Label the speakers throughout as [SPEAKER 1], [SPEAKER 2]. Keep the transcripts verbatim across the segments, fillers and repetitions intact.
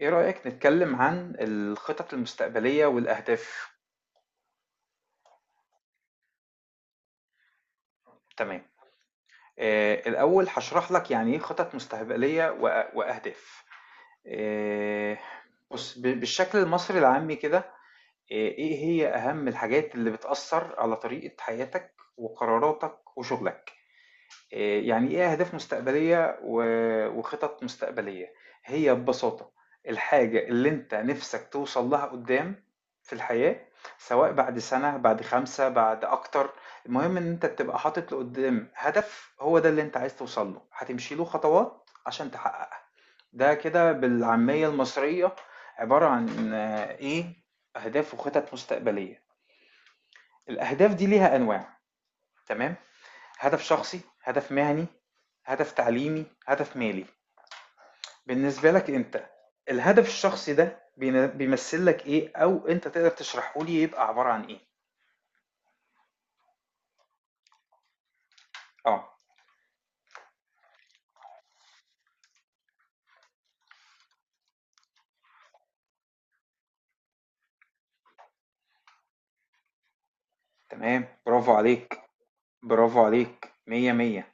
[SPEAKER 1] إيه رأيك نتكلم عن الخطط المستقبلية والأهداف؟ تمام. آآ الأول هاشرح لك يعني إيه خطط مستقبلية وأ وأهداف. آآ بُص، ب بالشكل المصري العامي كده، آآ إيه هي أهم الحاجات اللي بتأثّر على طريقة حياتك وقراراتك وشغلك؟ آه، يعني إيه أهداف مستقبلية و- وخطط مستقبلية؟ هي ببساطة الحاجة اللي أنت نفسك توصل لها قدام في الحياة، سواء بعد سنة بعد خمسة بعد أكتر. المهم إن أنت تبقى حاطط لقدام هدف هو ده اللي أنت عايز توصل له، هتمشي له خطوات عشان تحققها. ده كده بالعامية المصرية عبارة عن آه، إيه، أهداف وخطط مستقبلية. الأهداف دي ليها أنواع. تمام. هدف شخصي، هدف مهني، هدف تعليمي، هدف مالي. بالنسبة لك انت، الهدف الشخصي ده بين- بيمثل لك ايه، او انت تقدر تشرحه لي يبقى عبارة عن ايه؟ اه. تمام، برافو عليك. برافو عليك، مية مية.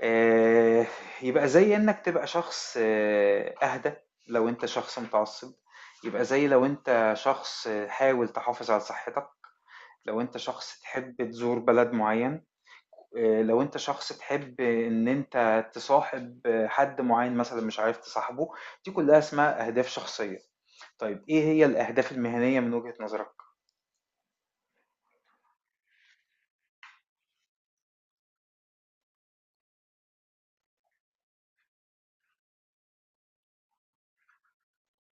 [SPEAKER 1] آه، يبقى زي انك تبقى شخص آه اهدى لو انت شخص متعصب، يبقى زي لو انت شخص حاول تحافظ على صحتك، لو انت شخص تحب تزور بلد معين، آه، لو انت شخص تحب ان انت تصاحب آه، حد معين مثلا مش عارف تصاحبه. دي كلها اسمها اهداف شخصية. طيب ايه هي الاهداف المهنية من وجهة نظرك؟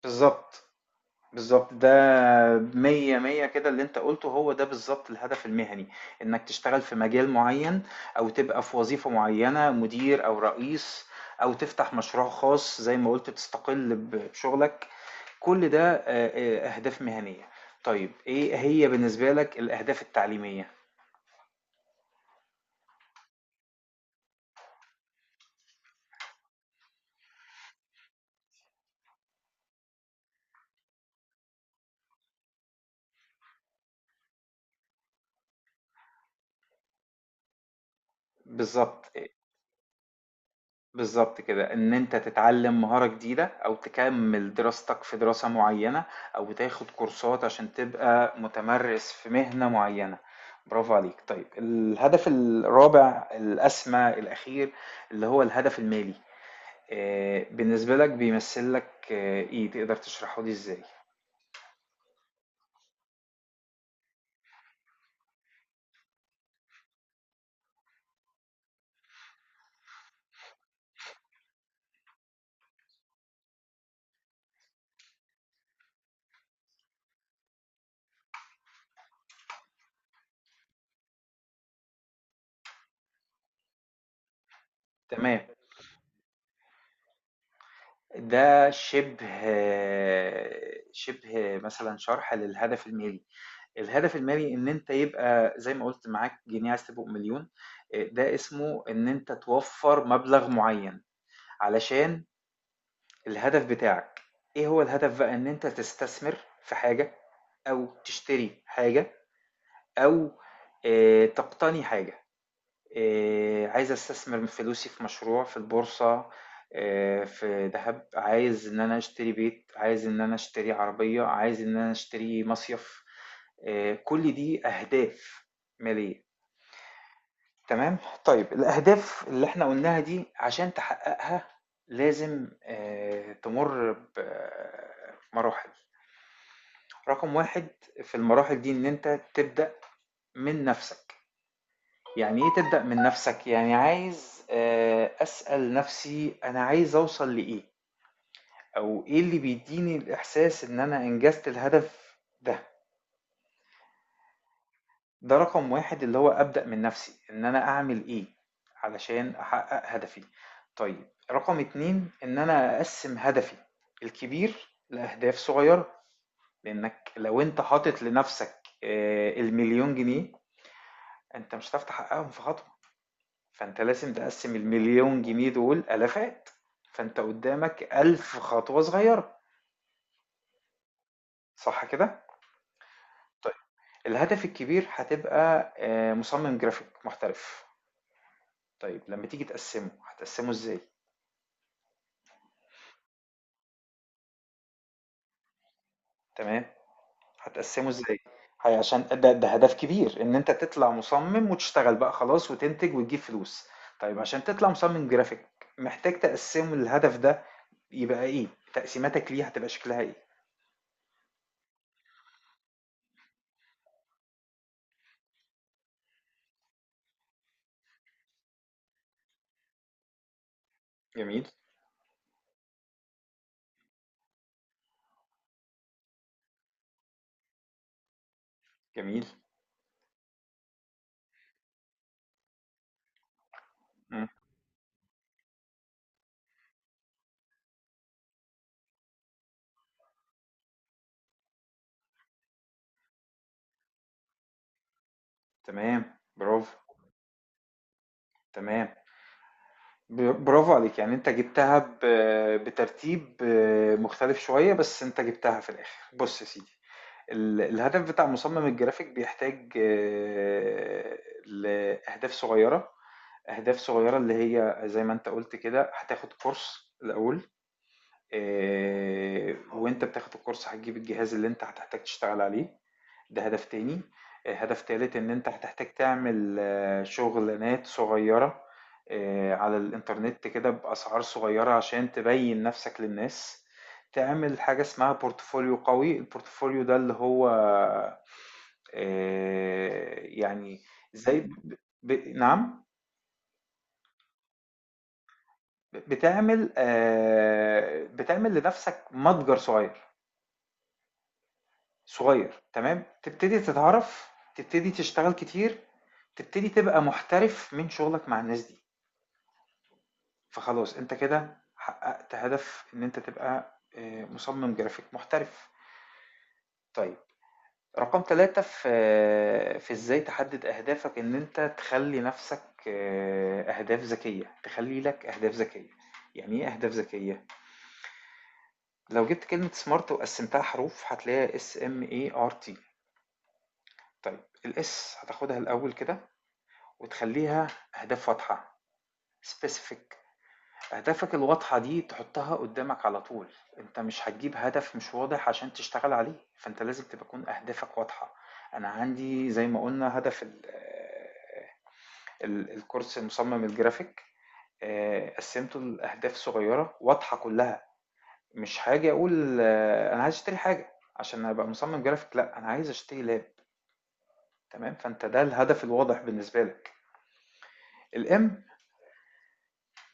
[SPEAKER 1] بالظبط. بالظبط ده، مية مية كده اللي انت قلته هو ده بالظبط الهدف المهني، انك تشتغل في مجال معين او تبقى في وظيفة معينة مدير او رئيس، او تفتح مشروع خاص زي ما قلت تستقل بشغلك. كل ده آآ آآ أهداف مهنية. طيب إيه هي بالنسبة لك الأهداف التعليمية؟ بالضبط، آآ بالضبط كده، إن أنت تتعلّم مهارة جديدة أو تكمّل دراستك في دراسة معيّنة، أو تاخد كورسات عشان تبقى متمرِّس في مهنة معيّنة. برافو عليك. طيب الهدف الرابع الأسمى الأخير اللي هو الهدف المالي، آآ بالنسبة لك بيمثّل لك آه، إيه، تقدر تشرحه لي إزاي؟ تمام. ده شبه شبه مثلا شرح للهدف المالي. الهدف المالي ان انت يبقى زي ما قلت معاك جنيه عايز تبقى مليون. ده اسمه ان انت توفر مبلغ معين علشان الهدف بتاعك. ايه هو الهدف بقى؟ ان انت تستثمر في حاجة، او تشتري حاجة، او آه، تقتني حاجة. آآ عايز أستثمر فلوسي في مشروع، في البورصة، آآ في دهب، عايز إن أنا أشتري بيت، عايز إن أنا أشتري عربية، عايز إن أنا أشتري مصيف، آآ كل دي أهداف مالية. تمام؟ طيب الأهداف اللي إحنا قُلناها دي عشان تحققها لازم آآ تمُر بمراحل. رقم واحد في المراحل دي إن أنت تبدأ من نَفْسك. يعني إيه تبدأ من نفسك؟ يعني عايز آآ أسأل نفسي أنا عايز أوصل لإيه؟ أو إيه اللي بيدّيني الإحساس إن أنا أنجزت الهدف ده؟ ده رقم واحد اللي هو أبدأ من نفسي، إن أنا أعمل إيه علشان أحقق هدفي؟ طيب رقم اتنين إن أنا أقسّم هدفي الكبير لأهداف صغيرة، لإنك لو أنت حاطط لنفسك آآ ال1000000 جنيه أنت مش هتعرف تحققهم في خطوة. فانت لازم تقسم المليون جنيه دول الافات. فانت قدامك الف خطوه صغيره. صح كده؟ طيب الهدف الكبير هتبقى آه، مصمم جرافيك محترف. طيب لما تيجي تقسمه هتقسمه ازاي؟ تمام. هتقسمه ازاي؟ هي عشان ده, ده هدف كبير ان انت تطلع مصمم وتشتغل بقى خلاص وتنتج وتجيب فلوس. طيب عشان تطلع مصمم جرافيك محتاج تقسمه الهدف ده، يبقى ايه تقسيماتك ليه هتبقى شكلها ايه؟ جميل. جميل. مم. تمام. برافو. تمام. ب- برافو عليك، يعني انت جبتها ب- بترتيب آه، مختلف شوية، بس انت جبتها في الاخر. بص يا سيدي، ال- الهدف بتاع مصمم الجرافيك بيحتاج آه، لأهداف صغيرة. أهداف صغيرة اللي هي زي ما انت قلت كده هتاخد كورس الأول، آه، وانت بتاخد الكورس هتجيب الجهاز اللي انت هتحتاج تشتغل عليه. ده هدف تاني. آه، هدف تالت ان انت هتحتاج تعمل آه، شغلانات صغيرة آه، على الانترنت كده بأسعار صغيرة عشان تبين نفسك للناس. تعمل حاجة اسمها بورتفوليو قوي. البورتفوليو ده اللي هو آه، يعني زي ب... ب... نعم. بتعمل آه، بتعمل لنفسك متجر صغير. صغير تمام، تبتدي تتعرف، تبتدي تشتغل كتير، تبتدي تبقى محترف من شغلك مع الناس دي. فخلاص أنت كده حققت هدف إن أنت تبقى آآ مصمم جرافيك محترف. طيب رقم تلاتة في آه، في إزاي تحدد أهدافك، إن أنت تخلّي نفسك آه، أهداف ذكية، تخلّي لك أهداف ذكية. يعني إيه أهداف ذكية؟ لو جبت كلمة smart وقسمتها حروف هتلاقيها S M A R T. طيب الإس هتاخدها الأول كده وتخلّيها أهداف واضحة، specific. أهدافك الواضحة دي تحطها قدامك على طول. أنت مش هتجيب هدف مش واضح عشان تشتغل عليه، فأنت لازم تكون أهدافك واضحة. أنا عندي زي ما قلنا هدف ال- آه، ال- الكورس مصمم الجرافيك، آه، قسمته لأهداف صغيرة واضحة كلها. مش حاجة أقول آه، أنا عايز أشتري حاجة عشان أبقى مصمم جرافيك، لأ أنا عايز أشتري لاب. تمام، فأنت ده الهدف الواضح بالنسبة لك. الام.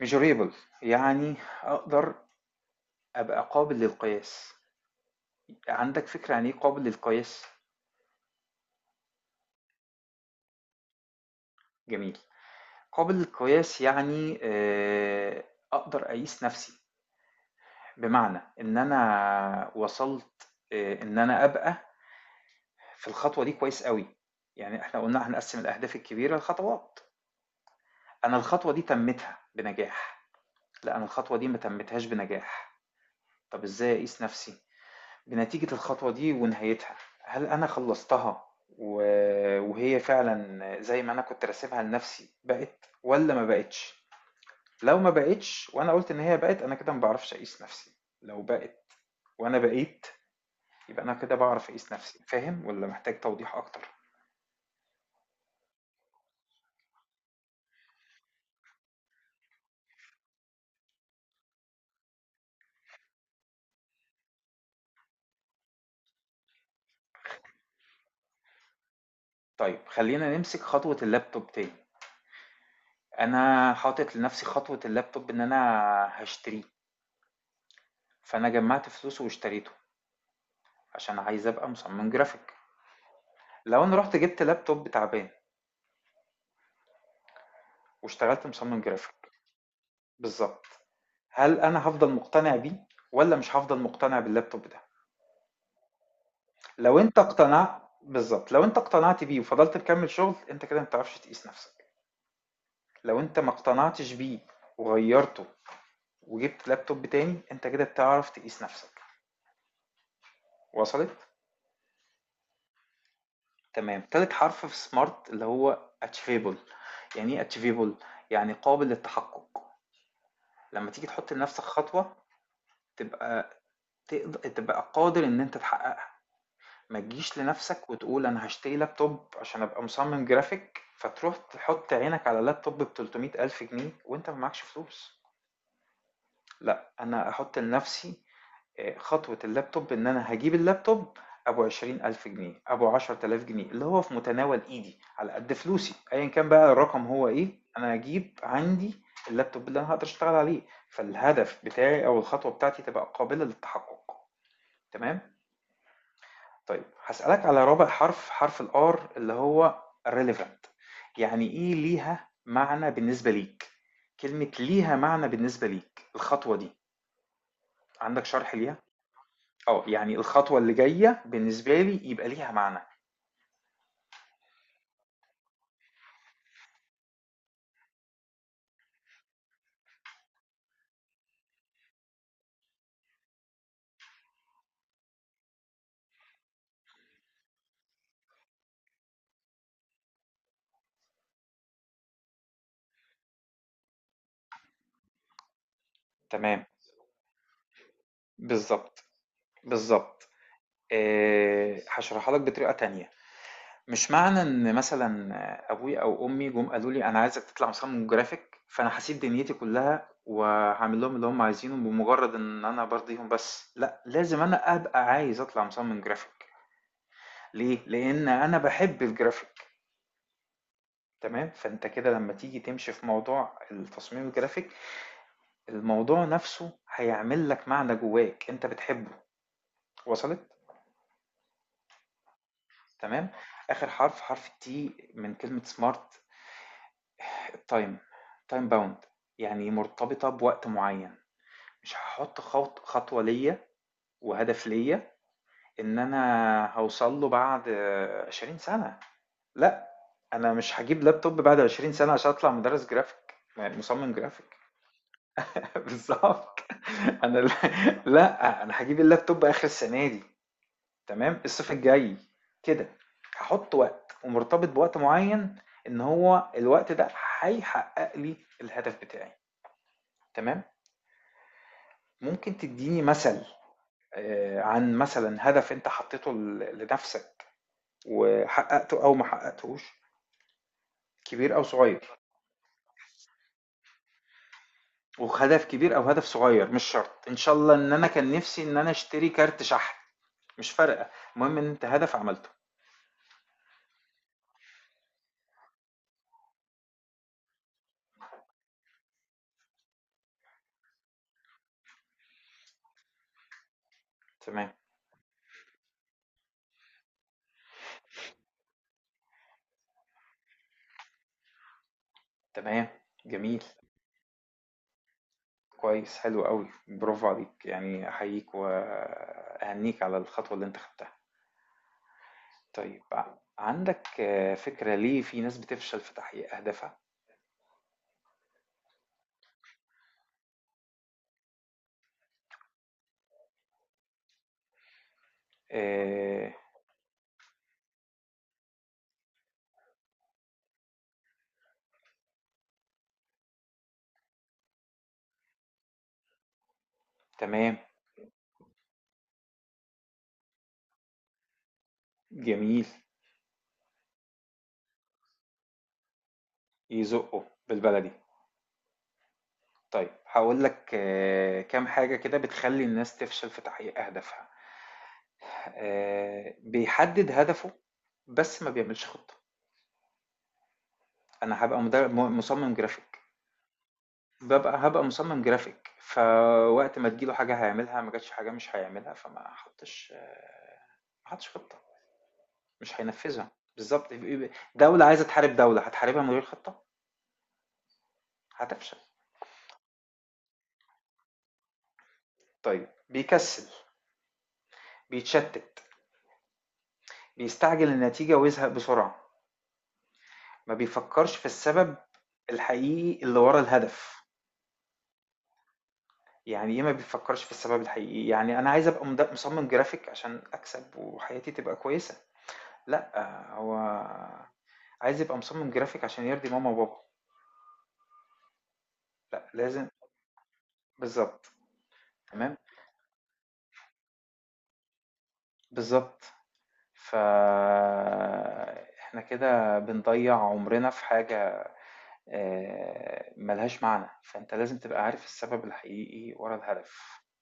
[SPEAKER 1] measurable. يعني أقدر أبقى قابل للقياس. عندك فكرة عن إيه قابل للقياس؟ جميل. قابل للقياس يعني آه، أقدر أقيس نفسي، بمعنى إن أنا وصلت، آه، إن أنا أبقى في الخطوة دي كويس قوي. يعني إحنا قلنا هنقسم الأهداف الكبيرة لخطوات. أنا الخطوة دي تمتها بنجاح، لا أنا الخطوة دي ما تمتهاش بنجاح. طب إزاي أقيس نفسي؟ بنتيجة الخطوة دي ونهايتها. هل أنا خلّصتها و وهي فعلًا زي ما أنا كنت راسمها لنفسي بقِت والّا ما بقِتش؟ لو ما بقِتش وأنا قُلت إن هي بقِت، أنا كده ما باعرفش أقيس نفسي. لو بقِت وأنا بقيت، يبقى أنا كده باعرف أقيس نفسي. فاهم والّا محتاج توضيح أكتر؟ طيب خلّينا نمسك خطوة اللابتوب تاني. أنا حاطط لنفسي خطوة اللابتوب إن أنا هاشتريه، فأنا جمّعت فلوسه واشتريته عشان عايز أبقى مصمم جرافيك. لو أنا رُحت جِبت لابتوب تعبان واشتغلت مصمم جرافيك، بالظبط. هل انا هفضل مقتنع بيه ولا مش هفضل مقتنع باللابتوب ده؟ لو انت اقتنعت، بالظبط، لو انت اقتنعت بيه وفضلت مكمل شغل انت كده ما بتعرفش تقيس نفسك. لو انت ما اقتنعتش بيه وغيرته وجبت لابتوب تاني، انت كده بتعرف تقيس نفسك. وصلت. تمام. تالت حرف في سمارت اللي هو achievable. يعني ايه achievable؟ يعني قابل للتحقق. لما تيجي تحط لنفسك خطوة تبقى تقدر تبقى قادر ان انت تحققها. ما تجيش لنفسك وتقول انا هشتري لابتوب عشان ابقى مصمم جرافيك فتروح تحط عينك على لابتوب ب تلتمية الف جنيه وانت ما معكش فلوس. لا انا احط لنفسي آه، خطوة اللابتوب ان انا هجيب اللابتوب ابو عشرين الف جنيه ابو عشرتالاف جنيه اللي هو في متناول ايدي على قد فلوسي، ايا كان بقى الرقم هو ايه. انا هجيب عندي اللابتوب اللي انا هقدر اشتغل عليه، فالهدف بتاعي او الخطوة بتاعتي تبقى قابلة للتحقق. تمام. طيب هاسألك على رابع حرف، حرف الآر اللي هو relevant. يعني إيه ليها معنى بالنسبة ليك، كلمة ليها معنى بالنسبة ليك الخطوة دي. عندك شرح ليها؟ اه، يعني الخطوة اللي جاية بالنسبة لي يبقى ليها معنى. تمام. بالظبط. بالظبط. آه، هشرحها لك بطريقة تانية. مش معنى إن مثلًا أبويا أو أمي جُم قالوا لي أنا عايزك تطلع مصمم جرافيك، فأنا هاسيب دنيتي كلّها وهاعمل لهم اللي هُم عايزينه بمجرد إن أنا بارضيهم بس، لأ، لازم أنا أبقى عايز أطلع مصمم جرافيك. ليه؟ لإن أنا باحب الجرافيك. تمام، فأنت كده لمّا تيجي تمشي في موضوع التصميم الجرافيك، الموضوع نَفْسه هيعمل لك معنى جواك أنت بتحبه. وصلِت؟ تمام. آخر حرف، حرف التي من كلمة smart. التايم. تايم باوند. يعني مرتبطة بوقت معين. مش هحط خط خطوة ليا وهدف ليا ان انا هوصل له بعد 20 سنة. لا، انا مش هجيب لابتوب بعد 20 سنة عشان اطلع مدرس جرافيك يعني مصمم جرافيك. بالظبط. انا لا, لا انا هجيب اللابتوب اخر السنة دي. تمام، الصيف الجاي كده. هحط وقت ومرتبط بوقت معين، ان هو الوقت ده هيحقق لي الهدف بتاعي. تمام. ممكن تديني مثل آه، عن مثلا هدف انت حطيته ل- لنفسك وحققته او ما حققتهوش، كبير او صغير؟ وهدف كبير او هدف صغير مش شرط، ان شاء الله. ان انا كان نفسي ان انا اشتري كارت شحن. مش فارقه، المهم ان انت هدف عملته. تمام. تمام، جميل. كويس، حلو قوي، برافو عليك، يعني احييك واهنيك على الخطوه اللي انت خدتها. طيب ع- عندك آه، فكره ليه في ناس بتفشل في تحقيق اهدافها؟ آه، تمام. جميل. يزقه بالبلدي. طيب هاقول لك آآ، كام حاجة كده بتخلّي الناس تفشل في تحقيق أهدافها. آآ، بيحدد هدفه بس ما بيعملش خطة. أنا هابقى مد م مصمم graphic، بابقى هابقى مصمم graphic، فوقت ما تيجي له حاجة هيعملها، ما جاتش حاجة مش هيعملها. فما حطش آه، ما حطش خطة، مش هينفذها. بالضبط. ب ب دولة عايزة تحارب دولة، هتحاربها من غير خطة؟ هتفشل. طيب بيكسل، بيتشتت. بيستعجل النتيجة ويزهق بسرعة. ما بيفكرش في السبب الحقيقي اللي ورا الهدف. يعني ايه ما بيفكرش في السبب الحقيقي؟ يعني انا عايز ابقى مد- مصمم جرافيك عشان اكسب وحياتي تبقى كويسة. لا هو عايز يبقى مصمم جرافيك عشان يرضي ماما وبابا. لا لازم. بالظبط. تمام. بالظبط. ف احنا كده بنضيع عمرنا في حاجة آه، ملهاش معنى. فانت لازم تبقى عارف السبب الحقيقي ورا الهدف